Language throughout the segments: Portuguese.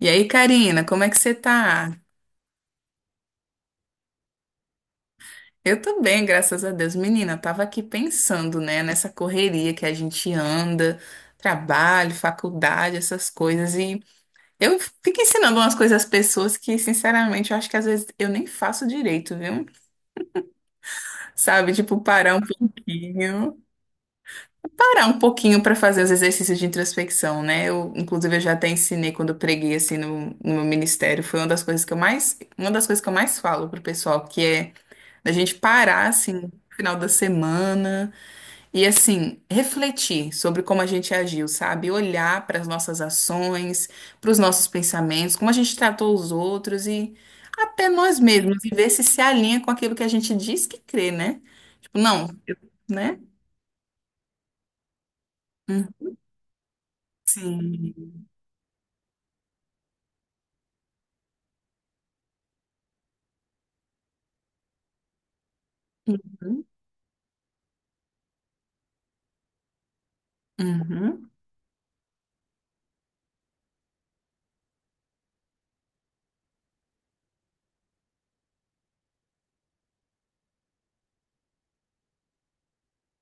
E aí, Karina, como é que você tá? Eu tô bem, graças a Deus. Menina, eu tava aqui pensando, né, nessa correria que a gente anda, trabalho, faculdade, essas coisas. E eu fico ensinando umas coisas às pessoas que, sinceramente, eu acho que às vezes eu nem faço direito, viu? Sabe? Tipo, parar um pouquinho. Parar um pouquinho pra fazer os exercícios de introspecção, né? Eu, inclusive, eu já até ensinei quando eu preguei, assim, no meu ministério. Foi uma das coisas que eu mais, uma das coisas que eu mais falo pro pessoal, que é. Da gente parar, assim, no final da semana e, assim, refletir sobre como a gente agiu, sabe? Olhar para as nossas ações, para os nossos pensamentos, como a gente tratou os outros e até nós mesmos, e ver se alinha com aquilo que a gente diz que crê, né? Tipo, não, né? Hum, sim. Uhum. Uhum.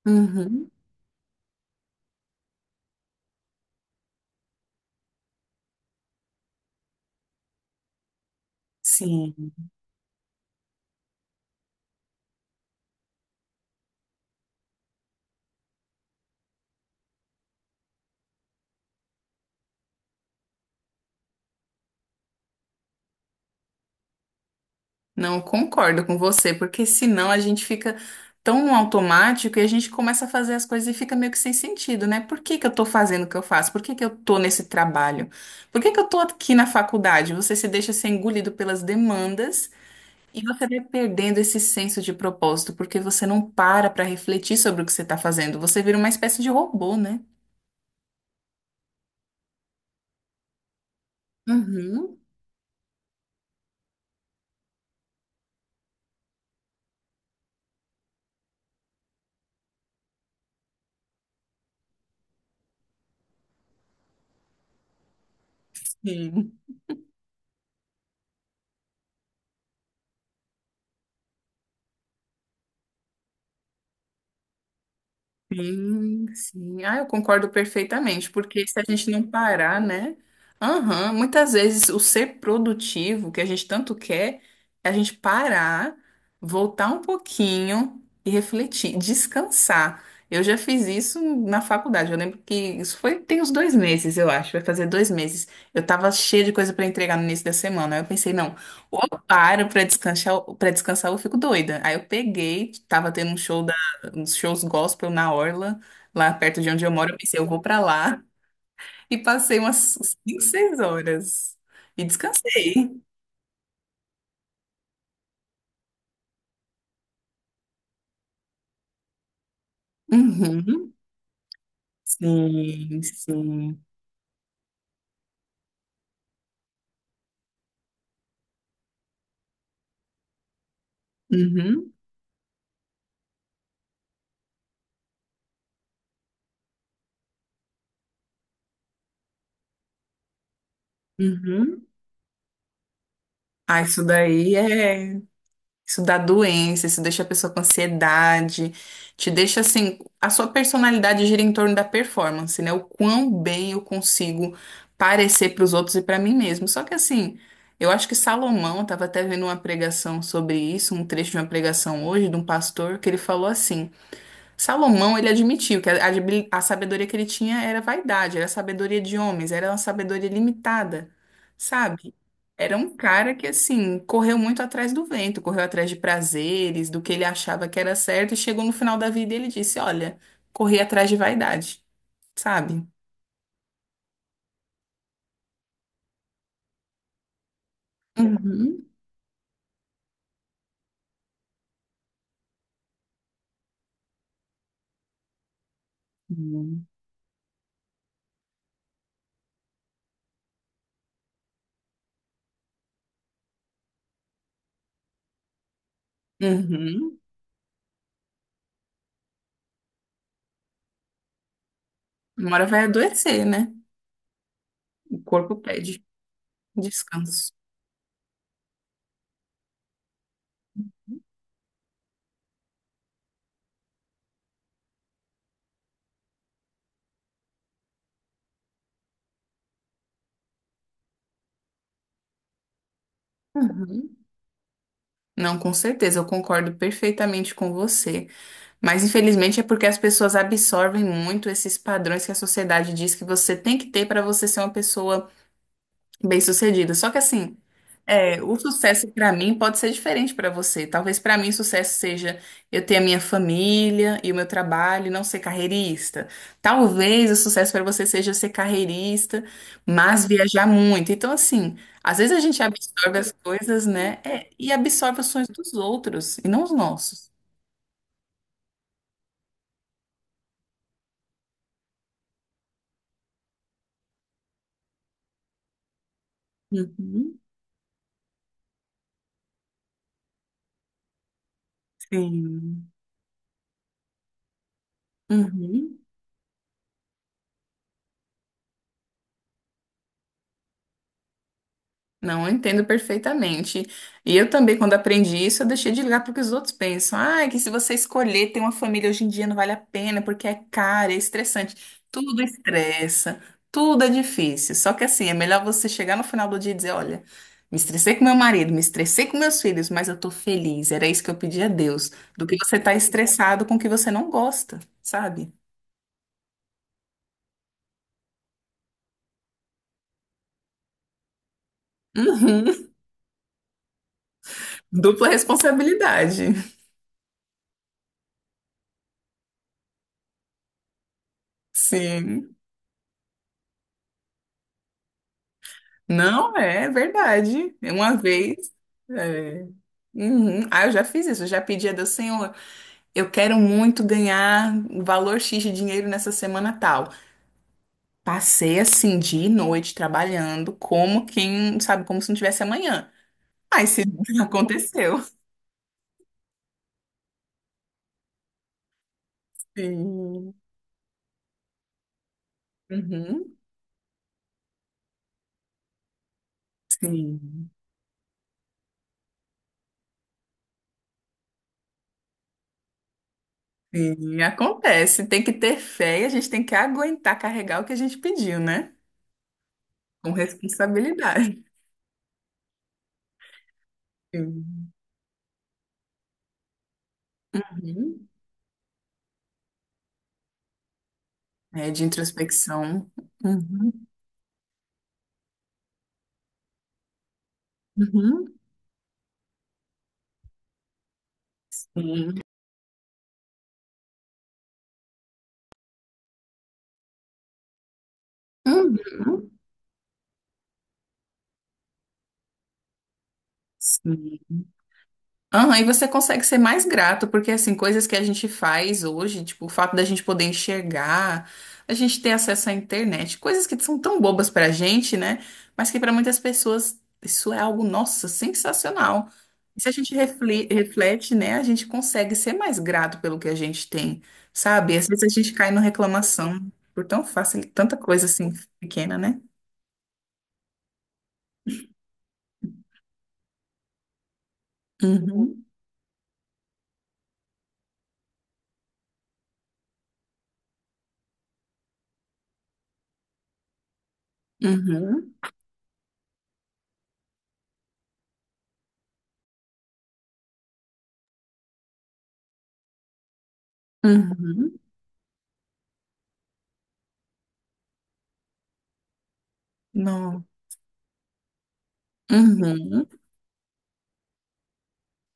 Uhum. Sim. Não concordo com você, porque senão a gente fica tão no automático e a gente começa a fazer as coisas e fica meio que sem sentido, né? Por que que eu tô fazendo o que eu faço? Por que que eu tô nesse trabalho? Por que que eu tô aqui na faculdade? Você se deixa ser engolido pelas demandas e você vai perdendo esse senso de propósito, porque você não para para refletir sobre o que você tá fazendo. Você vira uma espécie de robô, né? Uhum, sim. Sim, sim. Ah, eu concordo perfeitamente, porque se a gente não parar, né? Aham, muitas vezes o ser produtivo que a gente tanto quer é a gente parar, voltar um pouquinho e refletir, descansar. Eu já fiz isso na faculdade. Eu lembro que isso foi, tem uns dois meses, eu acho, vai fazer dois meses. Eu tava cheia de coisa para entregar no início da semana. Aí eu pensei, não, ou eu paro para descansar, ou eu fico doida. Aí eu peguei, tava tendo um show, uns shows gospel na Orla, lá perto de onde eu moro. Eu pensei, eu vou pra lá. E passei umas 5, 6 horas. E descansei. Uhum. Sim, sim. Uhum, uhum. Ah, isso daí é. Isso dá doença, isso deixa a pessoa com ansiedade, te deixa assim, a sua personalidade gira em torno da performance, né? O quão bem eu consigo parecer para os outros e para mim mesmo. Só que assim, eu acho que Salomão estava até vendo uma pregação sobre isso, um trecho de uma pregação hoje de um pastor que ele falou assim: Salomão, ele admitiu que a sabedoria que ele tinha era vaidade, era sabedoria de homens, era uma sabedoria limitada, sabe? Era um cara que, assim, correu muito atrás do vento, correu atrás de prazeres, do que ele achava que era certo, e chegou no final da vida e ele disse: Olha, corri atrás de vaidade, sabe? Uhum. Uhum. Uma hora vai adoecer, né? O corpo pede descanso. Uhum. Não, com certeza, eu concordo perfeitamente com você. Mas infelizmente é porque as pessoas absorvem muito esses padrões que a sociedade diz que você tem que ter para você ser uma pessoa bem-sucedida. Só que assim, é, o sucesso para mim pode ser diferente para você. Talvez para mim o sucesso seja eu ter a minha família e o meu trabalho, e não ser carreirista. Talvez o sucesso para você seja ser carreirista, mas viajar muito. Então assim, às vezes a gente absorve as coisas, né? É, e absorve os sonhos dos outros e não os nossos. Uhum. Sim. Uhum. Não, eu entendo perfeitamente. E eu também, quando aprendi isso, eu deixei de ligar para o que os outros pensam. Ah, é que se você escolher ter uma família hoje em dia não vale a pena, porque é caro, é estressante. Tudo estressa, tudo é difícil. Só que assim, é melhor você chegar no final do dia e dizer, olha, me estressei com meu marido, me estressei com meus filhos, mas eu tô feliz. Era isso que eu pedi a Deus. Do que você tá estressado com o que você não gosta, sabe? Uhum. Dupla responsabilidade. Sim. Não, é verdade. Uma vez. É. Uhum. Ah, eu já fiz isso. Eu já pedi a Deus, Senhor, eu quero muito ganhar valor X de dinheiro nessa semana tal. Passei assim, dia e noite, trabalhando, como quem, sabe, como se não tivesse amanhã. Aí se aconteceu. Sim. Uhum. Sim. Sim, acontece. Tem que ter fé e a gente tem que aguentar carregar o que a gente pediu, né? Com responsabilidade. Sim. Uhum. É, de introspecção. Uhum, uhum, sim. Hum, sim. Aham, e você consegue ser mais grato, porque assim, coisas que a gente faz hoje, tipo, o fato da gente poder enxergar, a gente ter acesso à internet, coisas que são tão bobas pra gente, né? Mas que pra muitas pessoas isso é algo, nossa, sensacional. E se a gente reflete, né, a gente consegue ser mais grato pelo que a gente tem, sabe? Às vezes a gente cai na reclamação por tão fácil, tanta coisa assim pequena, né? Uhum. Uhum, uhum, não. Uhum.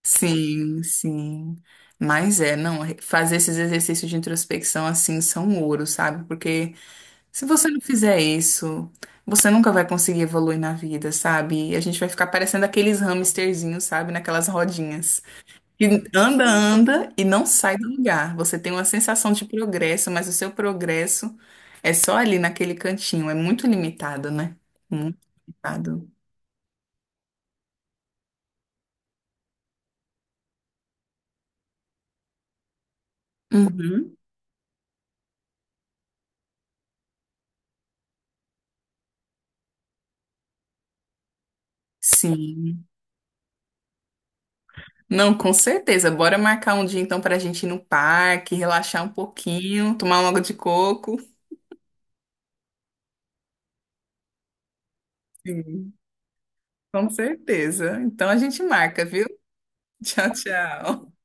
Sim, sim. Mas é, não, fazer esses exercícios de introspecção assim são ouro, sabe? Porque se você não fizer isso, você nunca vai conseguir evoluir na vida, sabe? E a gente vai ficar parecendo aqueles hamsterzinhos, sabe? Naquelas rodinhas. Que anda, anda e não sai do lugar. Você tem uma sensação de progresso, mas o seu progresso é só ali naquele cantinho. É muito limitado, né? Muito limitado. Uhum. Sim, não, com certeza. Bora marcar um dia então para a gente ir no parque, relaxar um pouquinho, tomar um água de coco. Sim, com certeza. Então a gente marca, viu? Tchau, tchau.